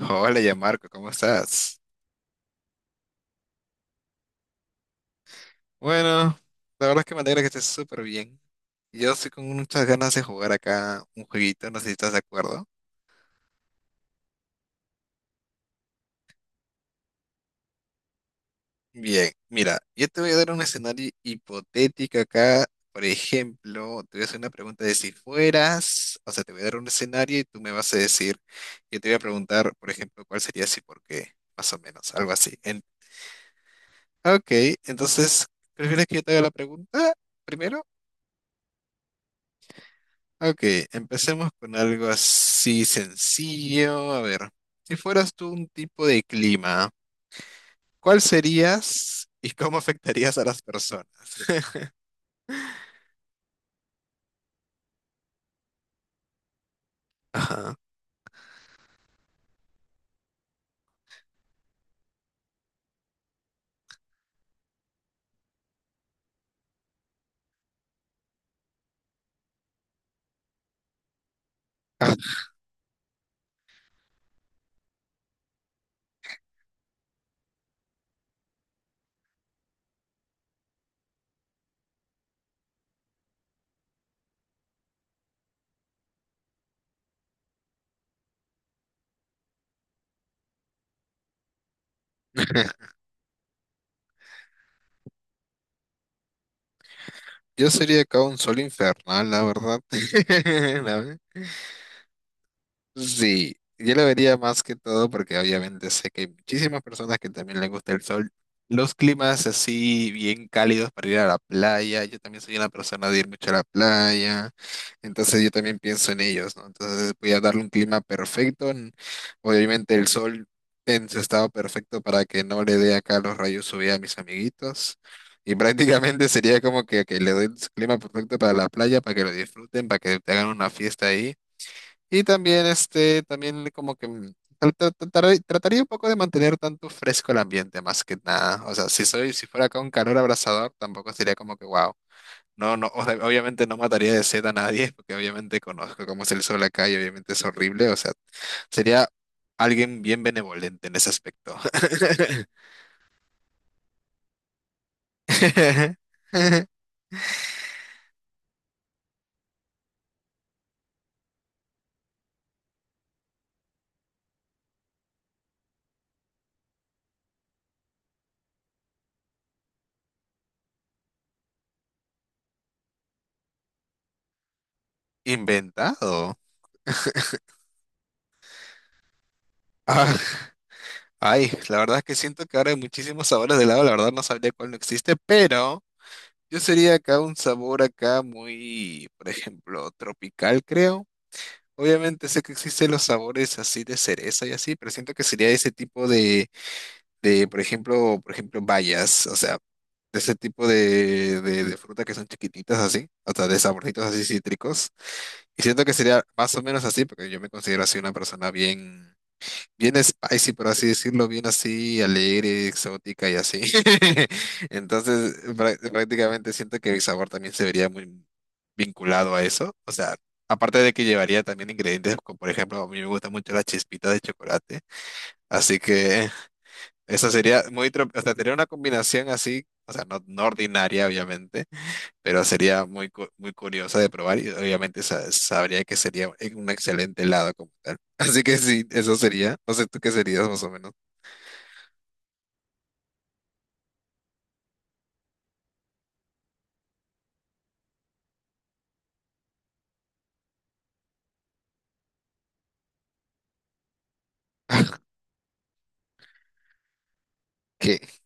Hola, ya Marco, ¿cómo estás? Bueno, la verdad es que me alegra que estés súper bien. Yo estoy con muchas ganas de jugar acá un jueguito, no sé si estás de acuerdo. Bien, mira, yo te voy a dar un escenario hipotético acá. Por ejemplo, te voy a hacer una pregunta de si fueras, o sea, te voy a dar un escenario y tú me vas a decir, yo te voy a preguntar, por ejemplo, cuál sería si por qué, más o menos, algo así. Ok, entonces, ¿prefieres que yo te haga la pregunta primero? Ok, empecemos con algo así sencillo. A ver, si fueras tú un tipo de clima, ¿cuál serías y cómo afectarías a las personas? Ajá. Yo sería acá un sol infernal, la verdad. Sí, yo lo vería más que todo porque obviamente sé que hay muchísimas personas que también les gusta el sol. Los climas así bien cálidos para ir a la playa. Yo también soy una persona de ir mucho a la playa. Entonces yo también pienso en ellos, ¿no? Entonces voy a darle un clima perfecto. Obviamente el sol en su estado perfecto para que no le dé acá los rayos UV a mis amiguitos. Y prácticamente sería como que le doy el clima perfecto para la playa, para que lo disfruten, para que te hagan una fiesta ahí. Y también, este, también como que trataría un poco de mantener tanto fresco el ambiente, más que nada. O sea, si soy, si fuera con calor abrasador, tampoco sería como que wow. No, no, o sea, obviamente no mataría de sed a nadie, porque obviamente conozco cómo es el sol acá y obviamente es horrible. O sea, sería alguien bien benevolente en ese aspecto. Inventado. Ah, ay, la verdad es que siento que ahora hay muchísimos sabores de helado, la verdad no sabría cuál no existe, pero. Yo sería acá un sabor acá muy, por ejemplo, tropical, creo. Obviamente sé que existen los sabores así de cereza y así, pero siento que sería ese tipo de, por ejemplo, bayas, o sea, de ese tipo de fruta que son chiquititas así, o sea, de saborcitos así cítricos. Y siento que sería más o menos así, porque yo me considero así una persona bien spicy, por así decirlo, bien así, alegre, exótica y así. Entonces, prácticamente siento que el sabor también se vería muy vinculado a eso. O sea, aparte de que llevaría también ingredientes, como por ejemplo, a mí me gusta mucho las chispitas de chocolate. Así que eso sería muy, o sea, sería una combinación así, o sea, no ordinaria, obviamente pero sería muy, muy curiosa de probar y obviamente sabría que sería un excelente helado como tal. Así que sí, eso sería. No sé tú qué serías más o menos. ¿Qué?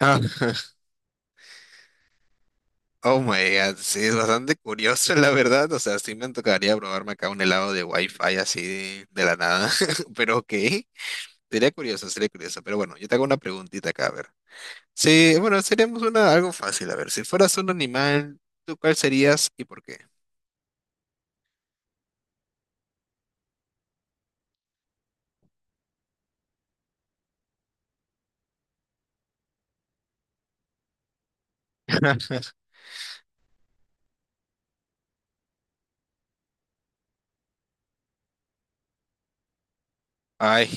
Ah, oh my God, sí, es bastante curioso la verdad. O sea, sí me tocaría probarme acá un helado de Wi-Fi así de la nada. Pero ok, sería curioso, sería curioso. Pero bueno, yo te hago una preguntita acá, a ver. Sí, bueno, seríamos una, algo fácil. A ver, si fueras un animal, ¿tú cuál serías y por qué? Ay,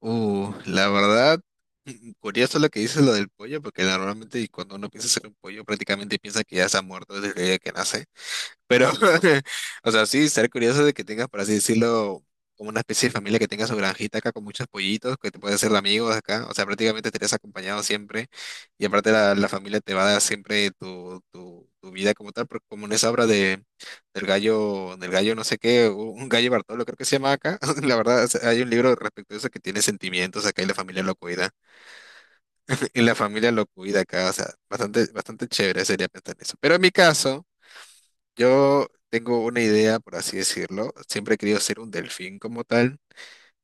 la verdad, mm, curioso lo que dices lo del pollo, porque normalmente cuando uno piensa hacer un pollo, prácticamente piensa que ya se ha muerto desde el día que nace. Pero, o sea, sí, ser curioso de que tengas, por así decirlo, como una especie de familia que tenga su granjita acá con muchos pollitos, que te puedes hacer de amigos acá. O sea, prácticamente estarías acompañado siempre. Y aparte la familia te va a dar siempre tu vida como tal, porque como en esa obra de, del gallo no sé qué, un gallo Bartolo creo que se llama acá. La verdad, o sea, hay un libro respecto a eso que tiene sentimientos acá y la familia lo cuida. Y la familia lo cuida acá. O sea, bastante, bastante chévere sería pensar en eso. Pero en mi caso... Yo tengo una idea, por así decirlo. Siempre he querido ser un delfín como tal.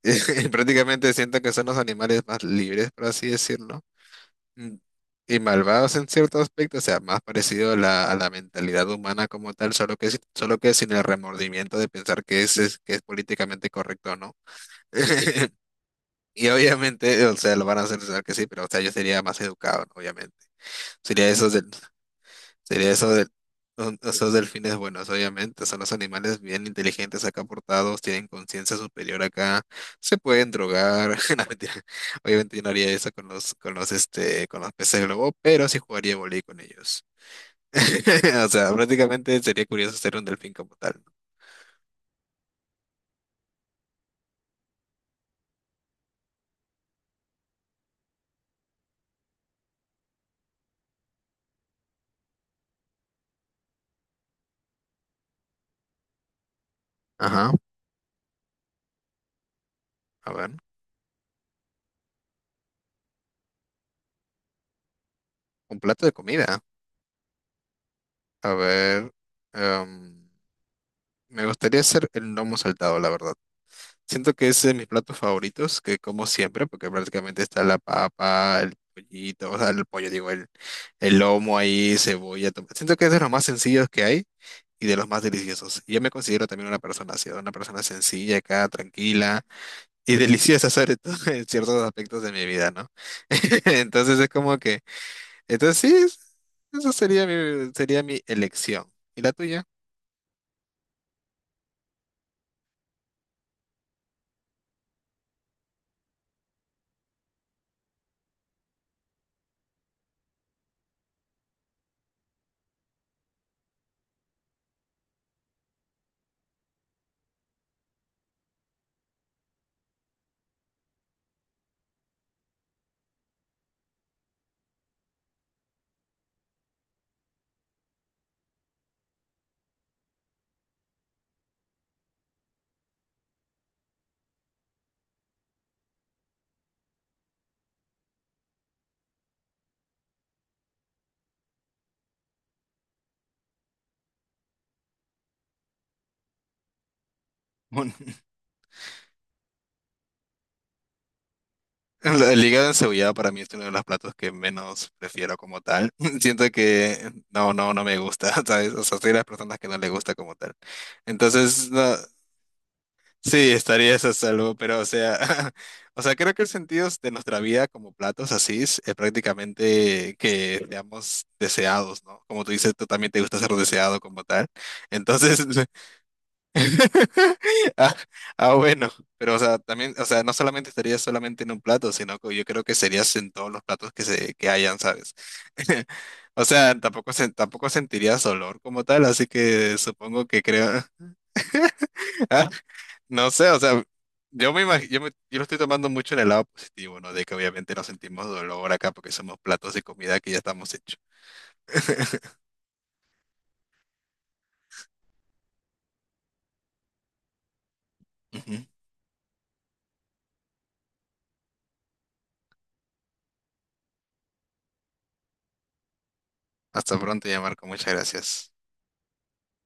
Y prácticamente siento que son los animales más libres, por así decirlo. Mm, y malvados en cierto aspecto, o sea, más parecido a la mentalidad humana como tal, solo que, solo que sin el remordimiento de pensar que es, que es políticamente correcto o no. Y obviamente, o sea, lo van a hacer pensar que sí, pero o sea, yo sería más educado, ¿no? Obviamente. Sería esos, sería eso de esos delfines buenos, obviamente. Son los animales bien inteligentes acá portados, tienen conciencia superior acá, se pueden drogar. No, mentira. Obviamente yo no haría eso con los, este, con los peces globo, pero sí jugaría voley con ellos. O sea, prácticamente sería curioso ser un delfín como tal. Ajá, a ver. Un plato de comida. A ver. em, me gustaría hacer el lomo saltado, la verdad. Siento que ese es de mis platos favoritos, que como siempre, porque prácticamente está la papa, el pollito, o sea, el pollo, digo, el lomo ahí, cebolla. Siento que es de los más sencillos que hay y de los más deliciosos. Yo me considero también una persona así, una persona sencilla, acá, tranquila y deliciosa, sobre todo en ciertos aspectos de mi vida, ¿no? Entonces es como que, entonces sí, eso sería mi elección. ¿Y la tuya? El hígado encebollado para mí es uno de los platos que menos prefiero como tal. Siento que no me gusta, ¿sabes? O sea, soy de las personas que no le gusta como tal. Entonces, no, sí, estaría eso a salvo, pero o sea, o sea, creo que el sentido de nuestra vida como platos así es, prácticamente que seamos deseados, ¿no? Como tú dices, tú también te gusta ser deseado como tal. Entonces, ah, ah, bueno, pero o sea, también, o sea, no solamente estaría solamente en un plato, sino que yo creo que serías en todos los platos que se que hayan, ¿sabes? O sea, tampoco tampoco sentirías olor como tal, así que supongo que creo, ah, no sé, o sea, yo me imag- yo me- yo lo estoy tomando mucho en el lado positivo, ¿no? De que obviamente no sentimos dolor acá porque somos platos de comida que ya estamos hechos. Ujú. Hasta pronto, ya Marco, muchas gracias.